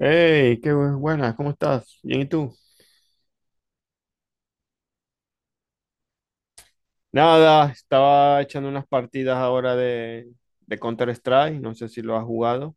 Hey, qué buenas, ¿cómo estás? Bien, ¿y tú? Nada, estaba echando unas partidas ahora de Counter-Strike, no sé si lo has jugado.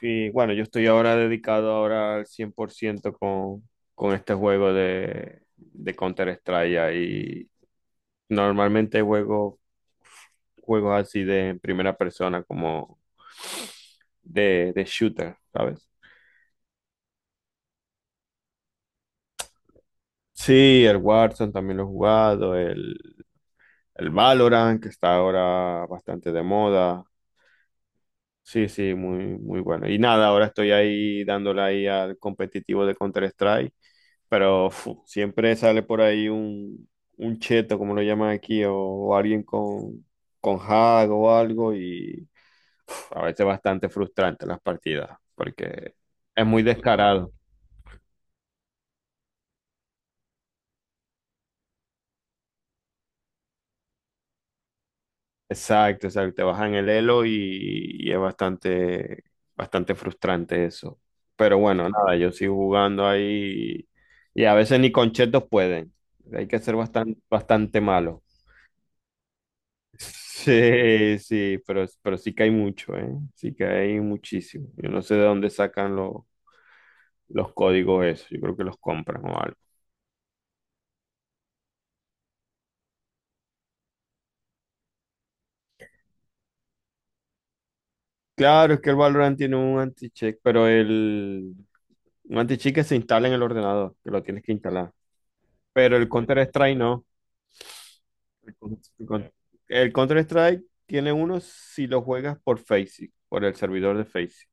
Y bueno, yo estoy ahora dedicado ahora al 100% con este juego de Counter-Strike. Y normalmente juego juegos así de primera persona, como de shooter, ¿sabes? Sí, el Warzone también lo he jugado, el Valorant, que está ahora bastante de moda. Sí, sí, muy, muy bueno. Y nada, ahora estoy ahí dándole ahí al competitivo de Counter-Strike, pero siempre sale por ahí un cheto, como lo llaman aquí, o alguien con hack o algo, y a veces bastante frustrante las partidas, porque es muy descarado. Exacto, exacto, te bajan el elo y es bastante, bastante frustrante eso. Pero bueno, nada, yo sigo jugando ahí y, a veces ni con chetos pueden. Hay que ser bastante, bastante malo. Sí, sí, pero sí que hay mucho, ¿eh? Sí que hay muchísimo. Yo no sé de dónde sacan los códigos eso. Yo creo que los compran o algo. Claro, es que el Valorant tiene un anti-check, un anti-check que se instala en el ordenador, que lo tienes que instalar. Pero el Counter-Strike no. El, con- el con- el Counter-Strike tiene uno si lo juegas por Faceit, por el servidor de Faceit.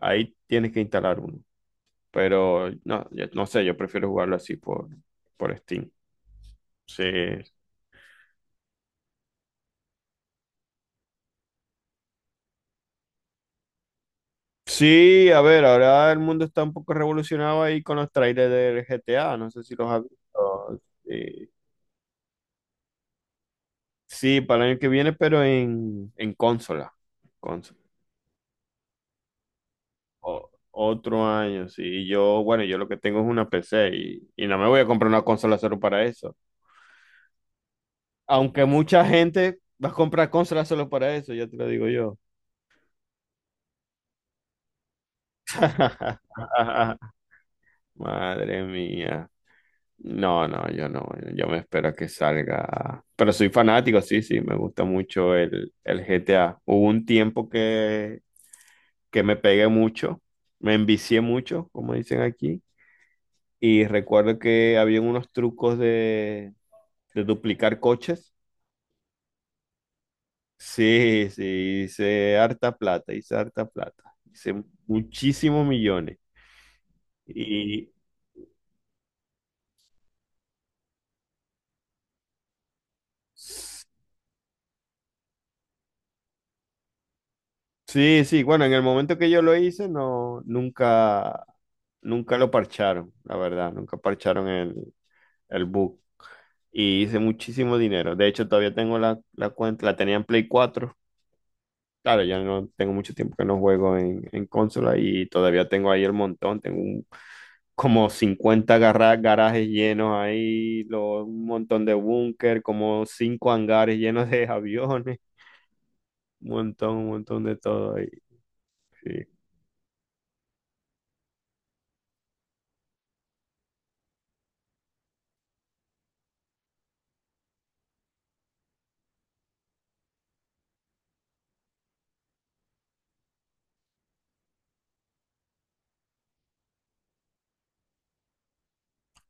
Ahí tienes que instalar uno. Pero no, no sé, yo prefiero jugarlo así por Steam. Sí. Sí, a ver, ahora el mundo está un poco revolucionado ahí con los trailers del GTA, no sé si los has visto. Sí, sí, para el año que viene, pero en consola. Consola. Otro año, sí. Y yo, bueno, yo lo que tengo es una PC y no me voy a comprar una consola solo para eso. Aunque mucha gente va a comprar consolas solo para eso, ya te lo digo yo. Madre mía. No, no, yo no. Yo me espero a que salga. Pero soy fanático, sí, sí. Me gusta mucho el GTA. Hubo un tiempo que me pegué mucho. Me envicié mucho, como dicen aquí. Y recuerdo que había unos trucos de duplicar coches. Sí, sí, hice harta plata, hice harta plata, hice muchísimos millones. Y sí, sí, bueno, en el momento que yo lo hice, no, nunca, nunca lo parcharon, la verdad, nunca parcharon el bug. Y hice muchísimo dinero. De hecho, todavía tengo la cuenta, la tenía en Play 4. Claro, ya no tengo mucho tiempo que no juego en consola y todavía tengo ahí el montón. Tengo como 50 garajes llenos ahí, un montón de búnker, como cinco hangares llenos de aviones, un montón de todo ahí. Sí.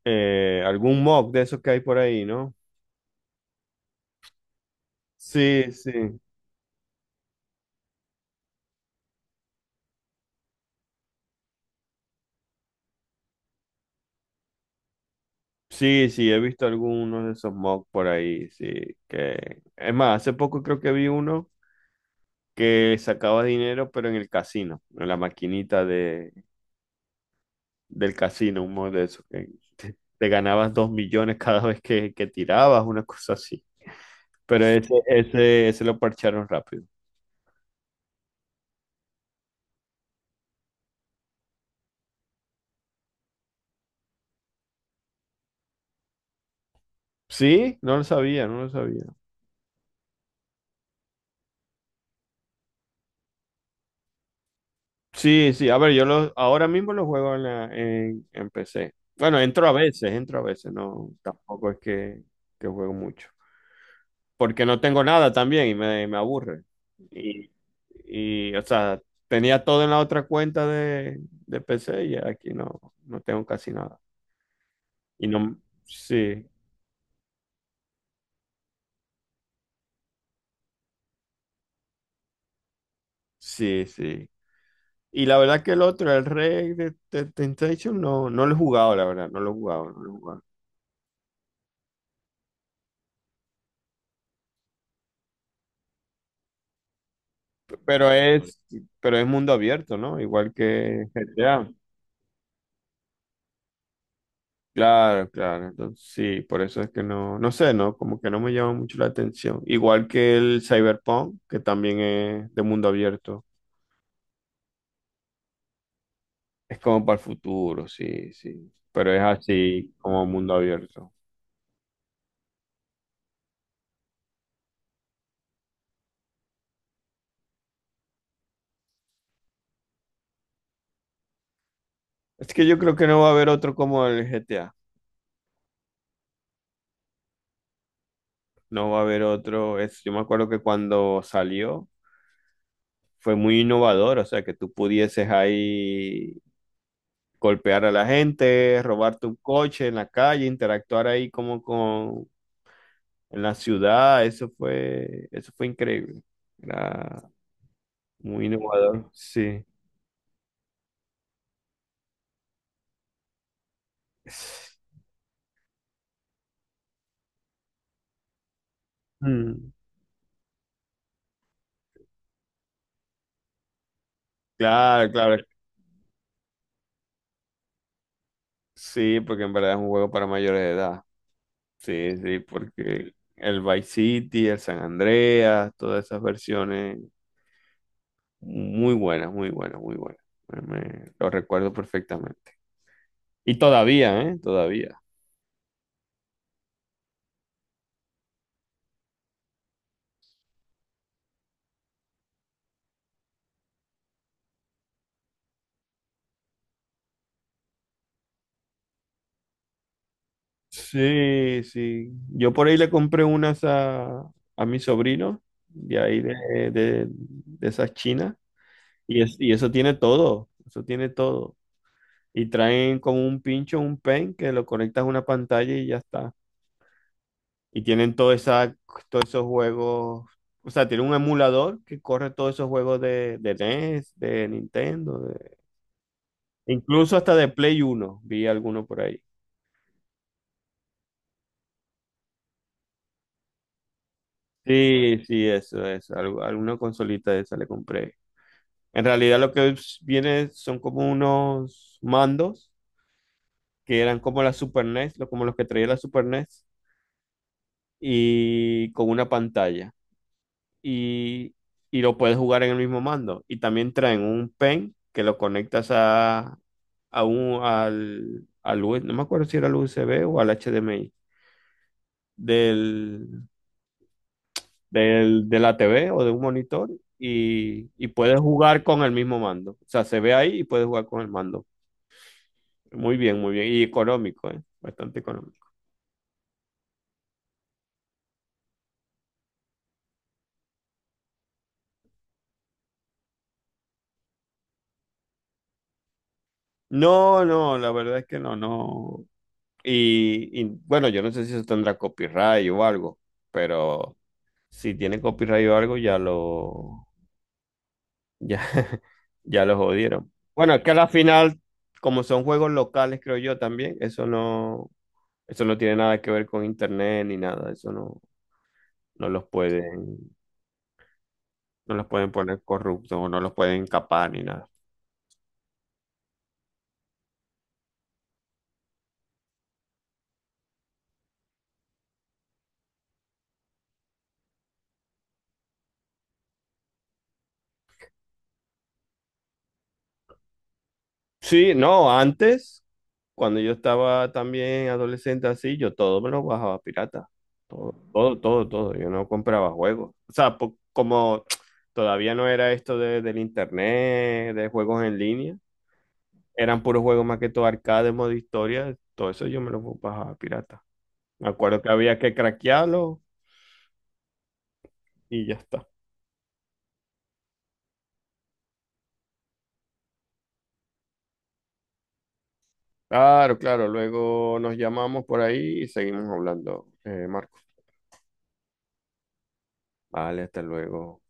Algún mob de esos que hay por ahí, ¿no? Sí, sí. Sí, sí, he visto algunos de esos mocks por ahí, sí, que es más, hace poco creo que vi uno que sacaba dinero pero en el casino, en la maquinita de del casino, un mod de eso, que te ganabas 2 millones cada vez que tirabas, una cosa así. Pero ese lo parcharon rápido. Sí, no lo sabía, no lo sabía. Sí, sí, a ver, ahora mismo lo juego en PC. Bueno, entro a veces, no, tampoco es que juego mucho. Porque no tengo nada también y me aburre. Y, y, o sea, tenía todo en la otra cuenta de PC y aquí no, no tengo casi nada. Y no, sí, sí, sí. Y la verdad que el otro, el Rey de Temptation, no, no lo he jugado, la verdad, no lo he jugado, no lo he jugado. P- Pero es, pero es mundo abierto, ¿no? Igual que GTA. Claro, claro. Entonces, sí, por eso es que no sé, ¿no? Como que no me llama mucho la atención. Igual que el Cyberpunk, que también es de mundo abierto. Es como para el futuro, sí, sí. Pero es así como mundo abierto. Es que yo creo que no va a haber otro como el GTA. No va a haber otro. Yo me acuerdo que cuando salió fue muy innovador, o sea, que tú pudieses ahí golpear a la gente, robarte un coche en la calle, interactuar ahí como con en la ciudad. Eso fue increíble. Era muy innovador, sí. Mm. Claro, claro. Sí, porque en verdad es un juego para mayores de edad. Sí, sí, porque el Vice City, el San Andreas, todas esas versiones. Muy buena, muy buena, muy buena. Lo recuerdo perfectamente. Y todavía, ¿eh? Todavía. Sí, sí. Yo por ahí le compré unas a mi sobrino, de ahí de esas chinas. Y eso tiene todo, eso tiene todo. Y traen como un pincho, un pen, que lo conectas a una pantalla y ya está. Y tienen todos esos juegos. O sea, tiene un emulador que corre todos esos juegos de NES, de Nintendo. Incluso hasta de Play 1 vi alguno por ahí. Sí, sí, eso es. Alguna consolita de esa le compré. En realidad lo que viene son como unos mandos que eran como la Super NES, como los que traía la Super NES, y con una pantalla. Y, y lo puedes jugar en el mismo mando. Y también traen un pen que lo conectas a al U- S B, no me acuerdo si era al USB o al HDMI del, de la TV o de un monitor y puedes jugar con el mismo mando. O sea, se ve ahí y puedes jugar con el mando. Muy bien, muy bien. Y económico, ¿eh? Bastante económico. No, no, la verdad es que no, no. Y, bueno, yo no sé si eso tendrá copyright o algo, pero si tiene copyright o algo, ya, ya lo jodieron. Bueno, es que a la final, como son juegos locales, creo yo también, eso no tiene nada que ver con internet ni nada, eso no. No los pueden, no los pueden poner corruptos o no los pueden capar ni nada. Sí, no, antes, cuando yo estaba también adolescente así, yo todo me lo bajaba pirata. Todo, todo, todo, todo. Yo no compraba juegos. O sea, como todavía no era esto del internet, de juegos en línea, eran puros juegos más que todo arcade, modo historia, todo eso yo me lo bajaba pirata. Me acuerdo que había que craquearlo y ya está. Claro, claro. Luego nos llamamos por ahí y seguimos hablando, Marco. Vale, hasta luego.